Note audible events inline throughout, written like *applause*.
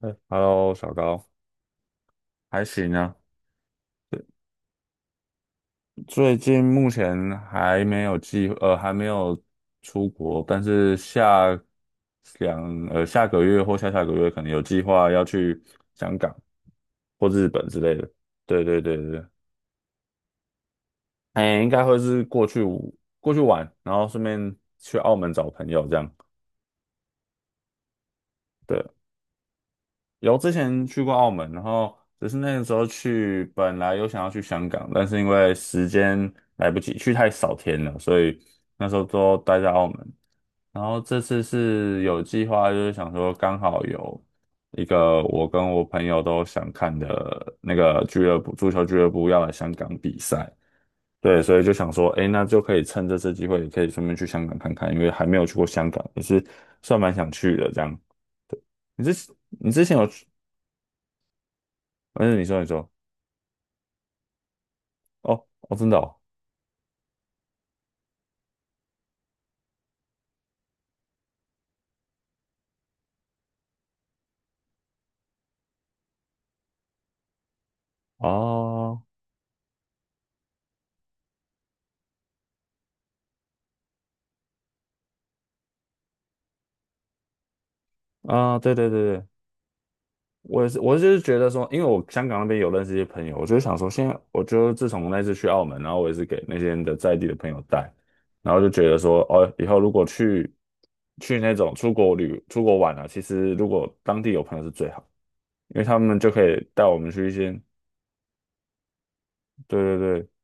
嗯，Hello，小高，还行啊。最近目前还没有出国，但是下个月或下下个月可能有计划要去香港或日本之类的。对对对对，哎，应该会是过去玩，然后顺便去澳门找朋友这样。对，有之前去过澳门，然后只是那个时候去，本来有想要去香港，但是因为时间来不及，去太少天了，所以那时候都待在澳门。然后这次是有计划，就是想说刚好有一个我跟我朋友都想看的那个俱乐部，足球俱乐部要来香港比赛，对，所以就想说，哎，那就可以趁这次机会，也可以顺便去香港看看，因为还没有去过香港，也是算蛮想去的这样。你之你之前有嗯，你说，哦哦，真的哦，啊啊，对对对对，我也是，我就是觉得说，因为我香港那边有认识一些朋友，我就想说，现在我就自从那次去澳门，然后我也是给那些人的在地的朋友带，然后就觉得说，哦，以后如果去那种出国玩啊，其实如果当地有朋友是最好，因为他们就可以带我们去一些，对对对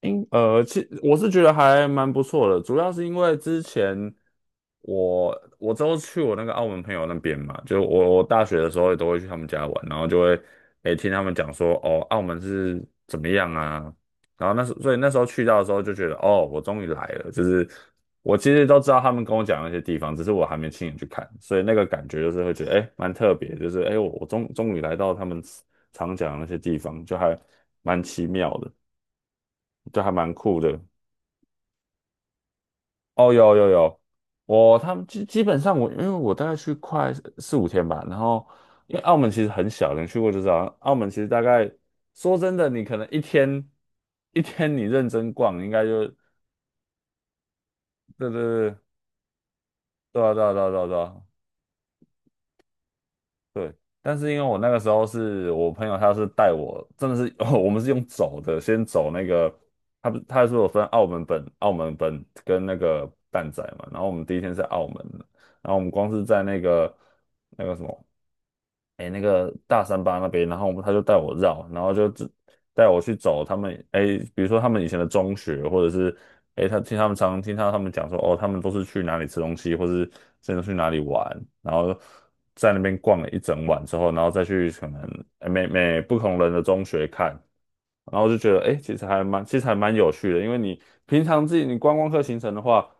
我是觉得还蛮不错的，主要是因为之前我之后去我那个澳门朋友那边嘛，就我大学的时候也都会去他们家玩，然后就会听他们讲说哦，澳门是怎么样啊，然后所以那时候去到的时候就觉得哦，我终于来了，就是我其实都知道他们跟我讲那些地方，只是我还没亲眼去看，所以那个感觉就是会觉得蛮特别，就是我终于来到他们常讲的那些地方，就还蛮奇妙的。就还蛮酷的。哦，有有有，他们基本上我因为我大概去快四五天吧，然后因为澳门其实很小，你去过就知道，澳门其实大概说真的，你可能一天你认真逛，应该就对对对对啊对啊对啊对啊对啊对。但是因为我那个时候是我朋友，他是带我，真的是 *laughs* 哦，我们是用走的，先走那个，他不他是有分澳门本跟那个蛋仔嘛，然后我们第一天是澳门，然后我们光是在那个什么，哎，那个大三巴那边，然后我们他就带我绕，然后就只带我去走他们，哎，比如说他们以前的中学，或者是哎，他们常听到他们讲说，哦，他们都是去哪里吃东西，或是真的去哪里玩，然后在那边逛了一整晚之后，然后再去可能哎每不同人的中学看。然后就觉得，哎，其实还蛮有趣的，因为你平常自己你观光客行程的话。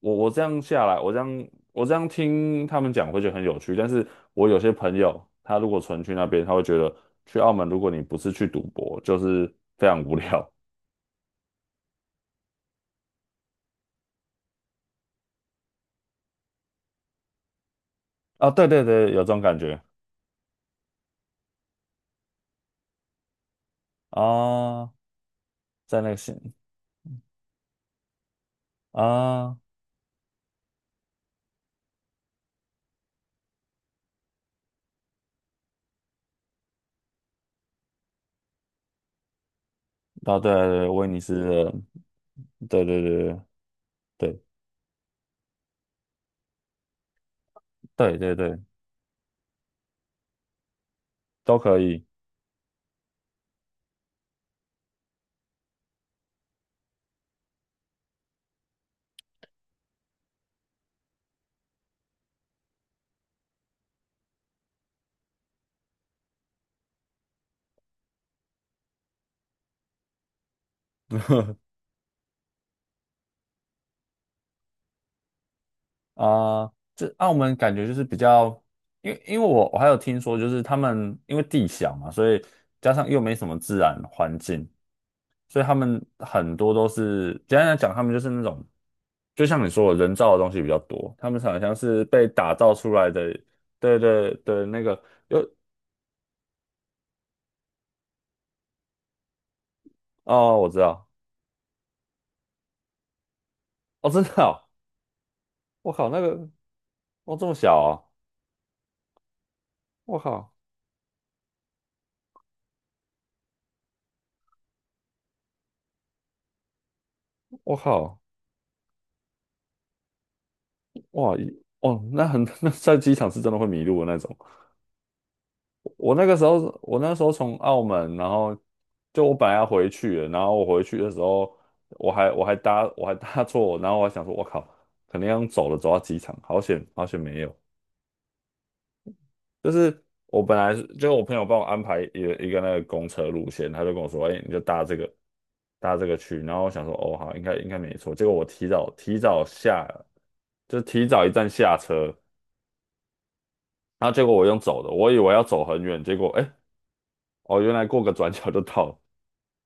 我这样下来，我这样听他们讲会觉得很有趣，但是我有些朋友，他如果纯去那边，他会觉得去澳门，如果你不是去赌博，就是非常无聊啊 *laughs*。对对对，有这种感觉啊，在那个县啊，啊对对对，威尼斯的，对对对对对对对对，都可以。啊、这澳门感觉就是比较，因为我还有听说，就是他们因为地小嘛，所以加上又没什么自然环境，所以他们很多都是简单来讲，他们就是那种，就像你说的，人造的东西比较多，他们好像是被打造出来的，对对对，那个有哦，我知道，哦，真的哦，我靠，那个哦这么小哦，我靠，我靠，哇，哦，那很 *laughs* 那在机场是真的会迷路的那种。我那时候从澳门，然后就我本来要回去了，然后我回去的时候，我还搭错，然后我还想说，我靠，肯定要走了，走到机场，好险好险没有。就是我本来是就我朋友帮我安排一个那个公车路线，他就跟我说，哎、你就搭这个去，然后我想说，哦好，应该没错。结果我提早提早下，就提早一站下车，然后结果我用走的，我以为要走很远，结果哎、哦原来过个转角就到了。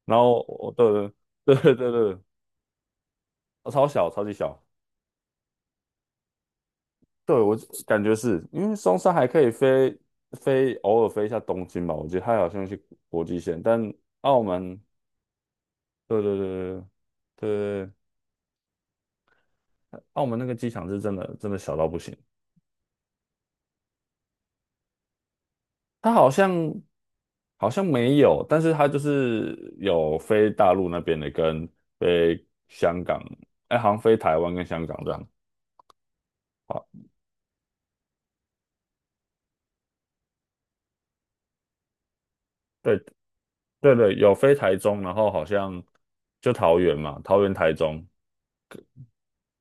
然后我对 *laughs* 对对对对，对超小超级小，对我感觉是因为松山还可以飞，偶尔飞一下东京吧，我觉得它好像是国际线，但澳门对对对对对，澳门那个机场是真的真的小到不行，它好像没有，但是它就是有飞大陆那边的跟飞香港，哎，好像飞台湾跟香港这样。对对对，有飞台中，然后好像就桃园嘛，桃园、台中，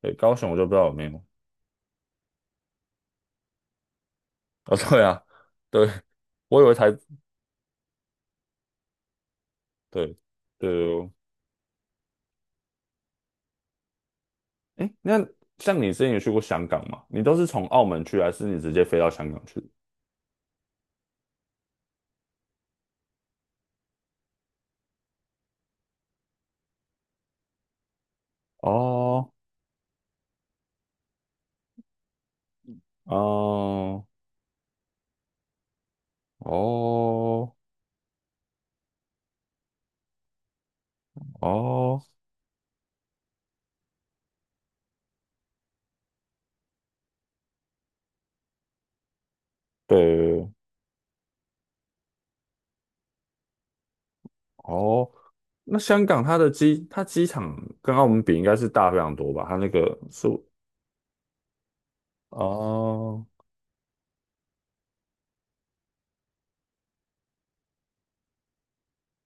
对，高雄我就不知道有没有。哦，*laughs* 对啊，对，我以为台，对对，哎，那像你之前有去过香港吗？你都是从澳门去，还是你直接飞到香港去？哦，哦，哦，哦，对，哦，那香港它机场跟澳门比应该是大非常多吧？它那个是，哦，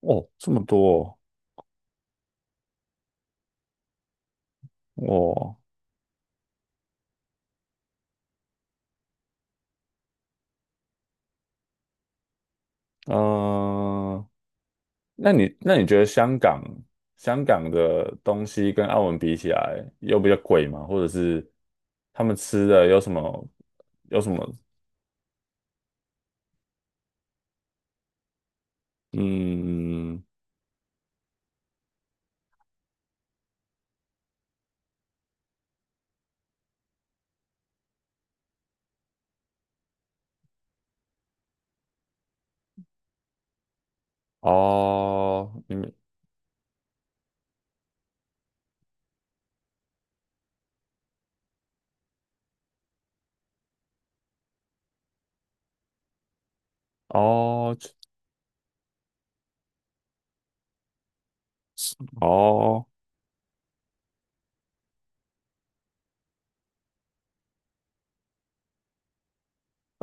哦，这么多哦我，嗯，那你觉得香港的东西跟澳门比起来，又比较贵吗？或者是他们吃的有什么？嗯，哦，你们哦哦，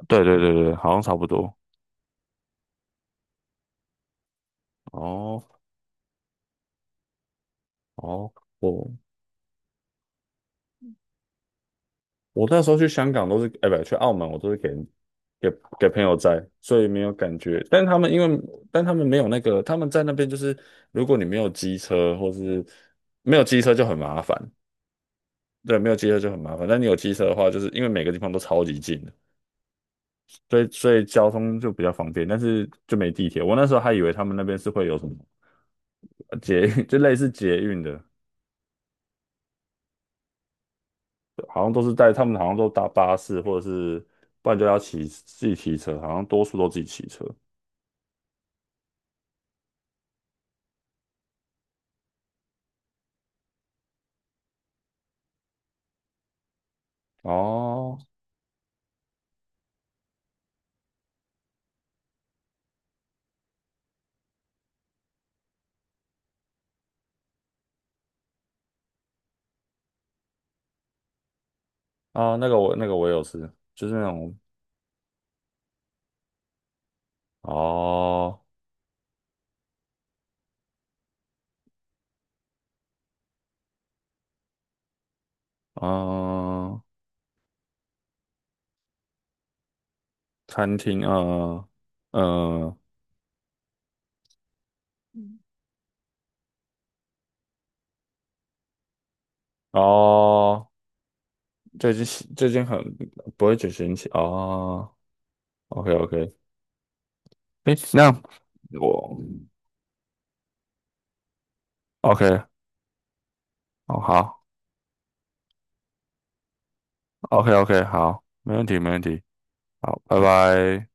对对对对，好像差不多。哦哦，哦。我那时候去香港都是，哎，不，去澳门我都是给给朋友摘，所以没有感觉。但他们没有那个，他们在那边就是，如果你没有机车，或是没有机车就很麻烦。对，没有机车就很麻烦。但你有机车的话，就是因为每个地方都超级近的，所以交通就比较方便，但是就没地铁。我那时候还以为他们那边是会有什么捷运，就类似捷运的，好像都是带他们好像都搭巴士，或者是不然就要自己骑车，好像多数都自己骑车。哦，啊，那个我有吃，就是那种哦，嗯、餐厅，嗯、嗯、哦，最近最近很不会举行起哦，OK OK，诶，那我 OK，哦好，OK OK，好，没问题没问题，好，拜拜。